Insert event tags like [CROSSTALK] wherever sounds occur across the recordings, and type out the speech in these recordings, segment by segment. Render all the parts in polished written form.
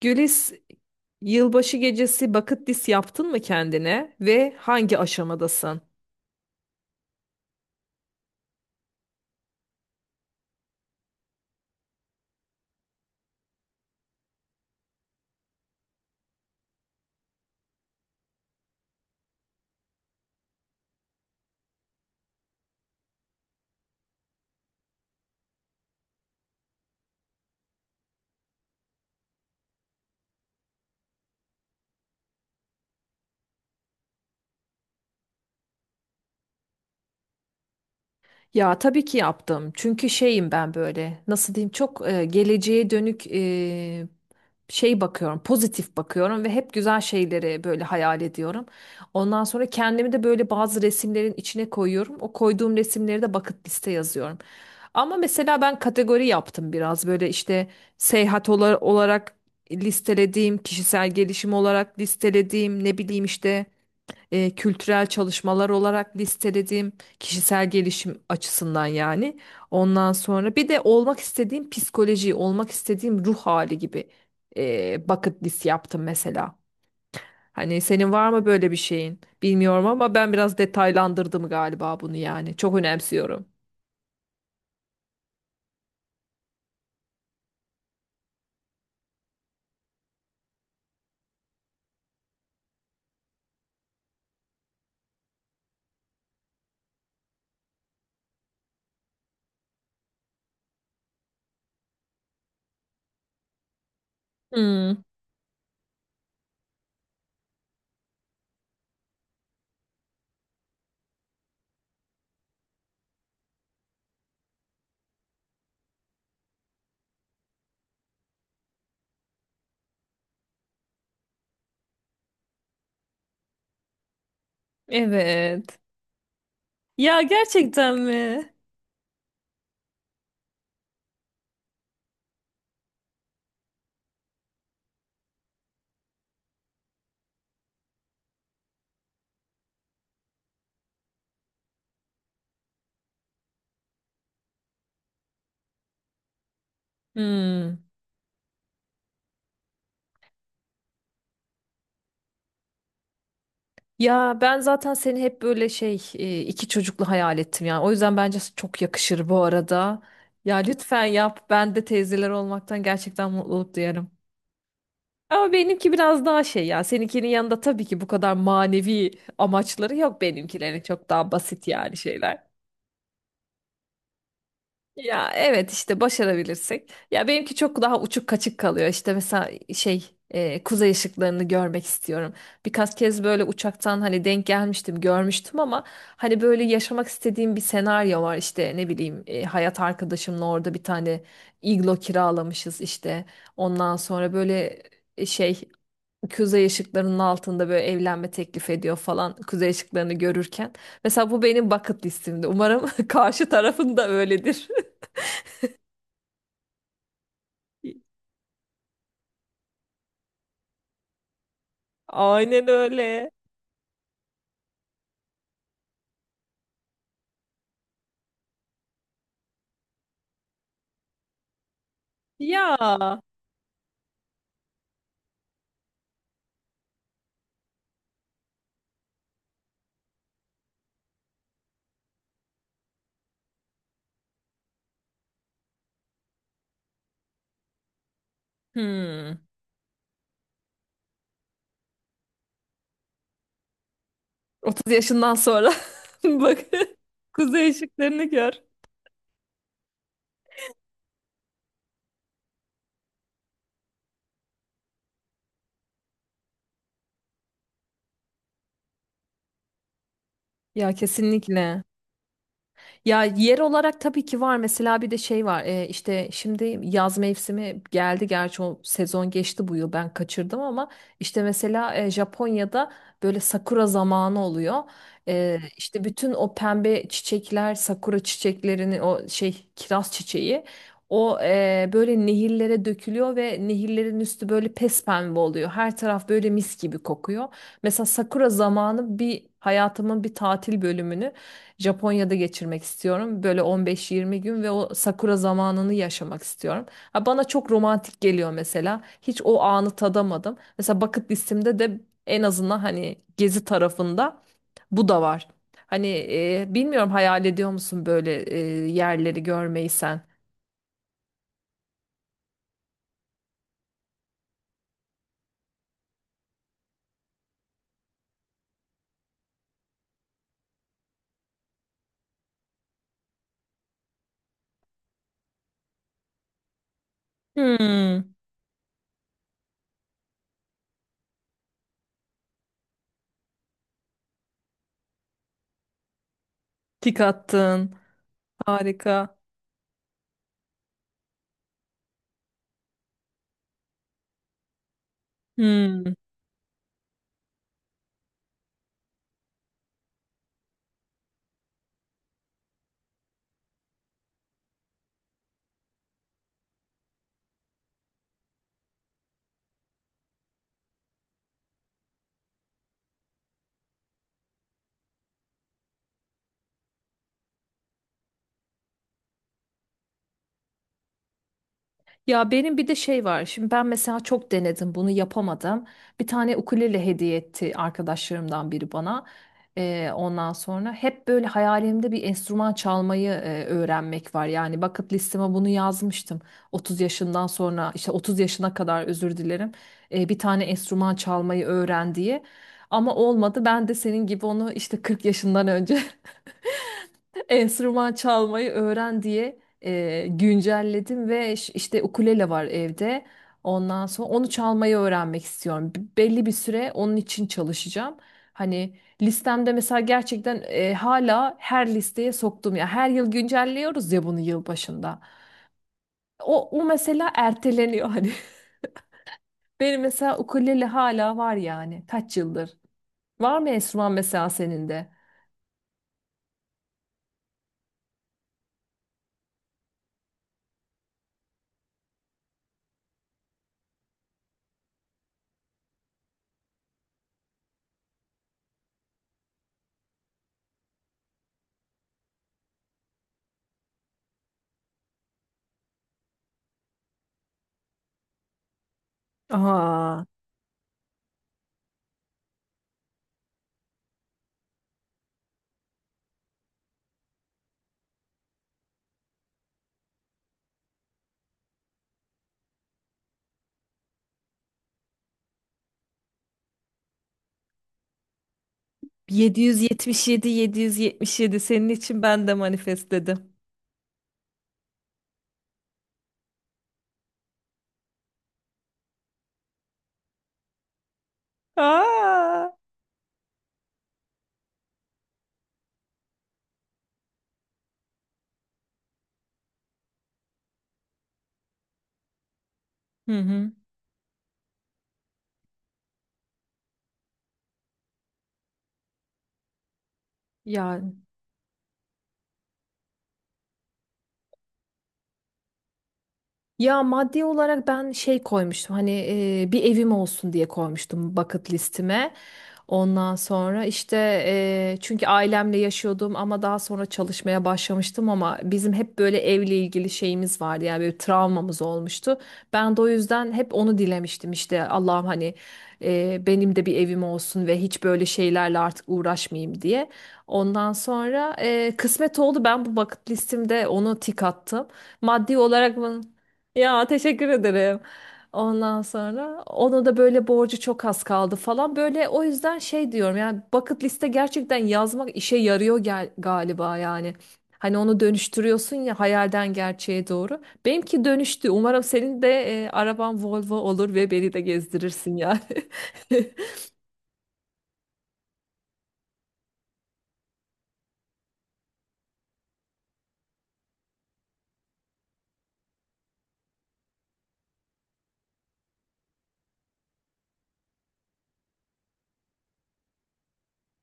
Gülis, yılbaşı gecesi bucket list yaptın mı kendine ve hangi aşamadasın? Ya tabii ki yaptım. Çünkü şeyim ben böyle nasıl diyeyim çok geleceğe dönük şey bakıyorum, pozitif bakıyorum ve hep güzel şeyleri böyle hayal ediyorum. Ondan sonra kendimi de böyle bazı resimlerin içine koyuyorum. O koyduğum resimleri de bucket liste yazıyorum. Ama mesela ben kategori yaptım biraz böyle işte seyahat olarak listelediğim, kişisel gelişim olarak listelediğim, ne bileyim işte kültürel çalışmalar olarak listelediğim, kişisel gelişim açısından yani. Ondan sonra bir de olmak istediğim psikoloji, olmak istediğim ruh hali gibi bucket list yaptım mesela. Hani senin var mı böyle bir şeyin? Bilmiyorum ama ben biraz detaylandırdım galiba bunu yani. Çok önemsiyorum. Hmm, evet. Ya gerçekten mi? Hmm. Ya ben zaten seni hep böyle şey iki çocuklu hayal ettim yani. O yüzden bence çok yakışır bu arada. Ya lütfen yap. Ben de teyzeler olmaktan gerçekten mutluluk duyarım. Ama benimki biraz daha şey ya. Seninkinin yanında tabii ki bu kadar manevi amaçları yok benimkilerin. Çok daha basit yani şeyler. Ya evet işte başarabilirsek. Ya benimki çok daha uçuk kaçık kalıyor. İşte mesela şey kuzey ışıklarını görmek istiyorum. Birkaç kez böyle uçaktan hani denk gelmiştim, görmüştüm ama hani böyle yaşamak istediğim bir senaryo var. İşte ne bileyim hayat arkadaşımla orada bir tane iglo kiralamışız işte. Ondan sonra böyle şey kuzey ışıklarının altında böyle evlenme teklif ediyor falan kuzey ışıklarını görürken. Mesela bu benim bucket listimde. Umarım [LAUGHS] karşı tarafın da öyledir. [LAUGHS] Aynen öyle. Ya. Hmm. 30 yaşından sonra [LAUGHS] bak [LAUGHS] kuzey ışıklarını gör. Ya kesinlikle. Ya yer olarak tabii ki var. Mesela bir de şey var. E, işte şimdi yaz mevsimi geldi. Gerçi o sezon geçti bu yıl. Ben kaçırdım ama işte mesela Japonya'da böyle sakura zamanı oluyor. E, işte bütün o pembe çiçekler, sakura çiçeklerinin o şey kiraz çiçeği o böyle nehirlere dökülüyor ve nehirlerin üstü böyle pespembe oluyor. Her taraf böyle mis gibi kokuyor. Mesela sakura zamanı bir hayatımın bir tatil bölümünü Japonya'da geçirmek istiyorum. Böyle 15-20 gün ve o sakura zamanını yaşamak istiyorum. Ha, bana çok romantik geliyor mesela. Hiç o anı tadamadım. Mesela bucket listemde de en azından hani gezi tarafında bu da var. Hani bilmiyorum hayal ediyor musun böyle yerleri görmeyi sen? Hmm, tik attın. Harika. Hmm. Ya benim bir de şey var. Şimdi ben mesela çok denedim bunu yapamadım. Bir tane ukulele hediye etti arkadaşlarımdan biri bana. Ondan sonra hep böyle hayalimde bir enstrüman çalmayı öğrenmek var. Yani bucket listeme bunu yazmıştım. 30 yaşından sonra işte 30 yaşına kadar özür dilerim. Bir tane enstrüman çalmayı öğren diye. Ama olmadı. Ben de senin gibi onu işte 40 yaşından önce [LAUGHS] enstrüman çalmayı öğren diye güncelledim ve işte ukulele var evde. Ondan sonra onu çalmayı öğrenmek istiyorum. Belli bir süre onun için çalışacağım. Hani listemde mesela gerçekten hala her listeye soktum ya. Her yıl güncelliyoruz ya bunu yılbaşında. O mesela erteleniyor hani. [LAUGHS] Benim mesela ukulele hala var yani. Kaç yıldır? Var mı enstrüman mesela senin de? Aa. 777 777 senin için ben de manifest dedim. Aa! Hı hı. Ya Ya maddi olarak ben şey koymuştum hani bir evim olsun diye koymuştum bucket listime. Ondan sonra işte çünkü ailemle yaşıyordum ama daha sonra çalışmaya başlamıştım ama bizim hep böyle evle ilgili şeyimiz vardı yani böyle travmamız olmuştu. Ben de o yüzden hep onu dilemiştim işte Allah'ım hani benim de bir evim olsun ve hiç böyle şeylerle artık uğraşmayayım diye. Ondan sonra kısmet oldu ben bu bucket listimde onu tik attım. Maddi olarak ya teşekkür ederim. Ondan sonra onu da böyle borcu çok az kaldı falan. Böyle o yüzden şey diyorum yani bucket liste gerçekten yazmak işe yarıyor gel galiba yani. Hani onu dönüştürüyorsun ya hayalden gerçeğe doğru. Benimki dönüştü. Umarım senin de araban Volvo olur ve beni de gezdirirsin yani. [LAUGHS]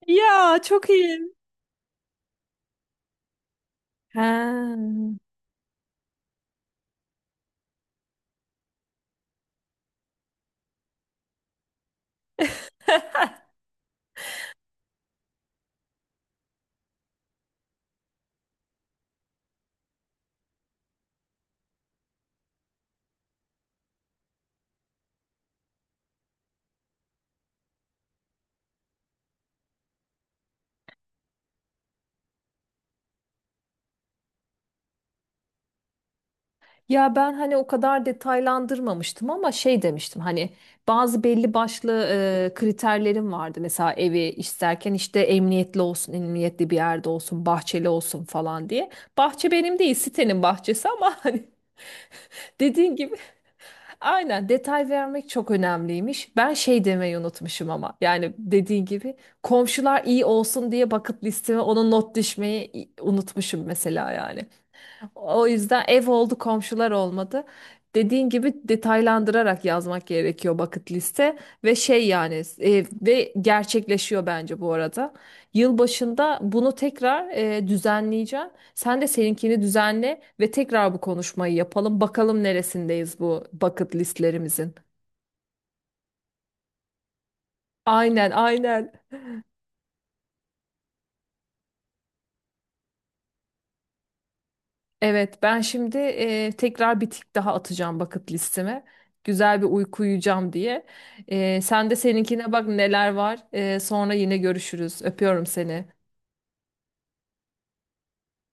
Ya çok iyi. Ha. [LAUGHS] Ya ben hani o kadar detaylandırmamıştım ama şey demiştim hani bazı belli başlı kriterlerim vardı. Mesela evi isterken işte emniyetli olsun, emniyetli bir yerde olsun, bahçeli olsun falan diye. Bahçe benim değil, sitenin bahçesi ama [LAUGHS] hani dediğin gibi aynen detay vermek çok önemliymiş. Ben şey demeyi unutmuşum ama yani dediğin gibi komşular iyi olsun diye bucket listeme ona not düşmeyi unutmuşum mesela yani. O yüzden ev oldu, komşular olmadı. Dediğin gibi detaylandırarak yazmak gerekiyor bucket liste ve şey yani ve gerçekleşiyor bence bu arada. Yılbaşında bunu tekrar düzenleyeceğim. Sen de seninkini düzenle ve tekrar bu konuşmayı yapalım. Bakalım neresindeyiz bu bucket listlerimizin. Aynen, aynen. Evet, ben şimdi tekrar bir tik daha atacağım bucket listeme. Güzel bir uyku uyuyacağım diye. Sen de seninkine bak neler var. Sonra yine görüşürüz. Öpüyorum seni.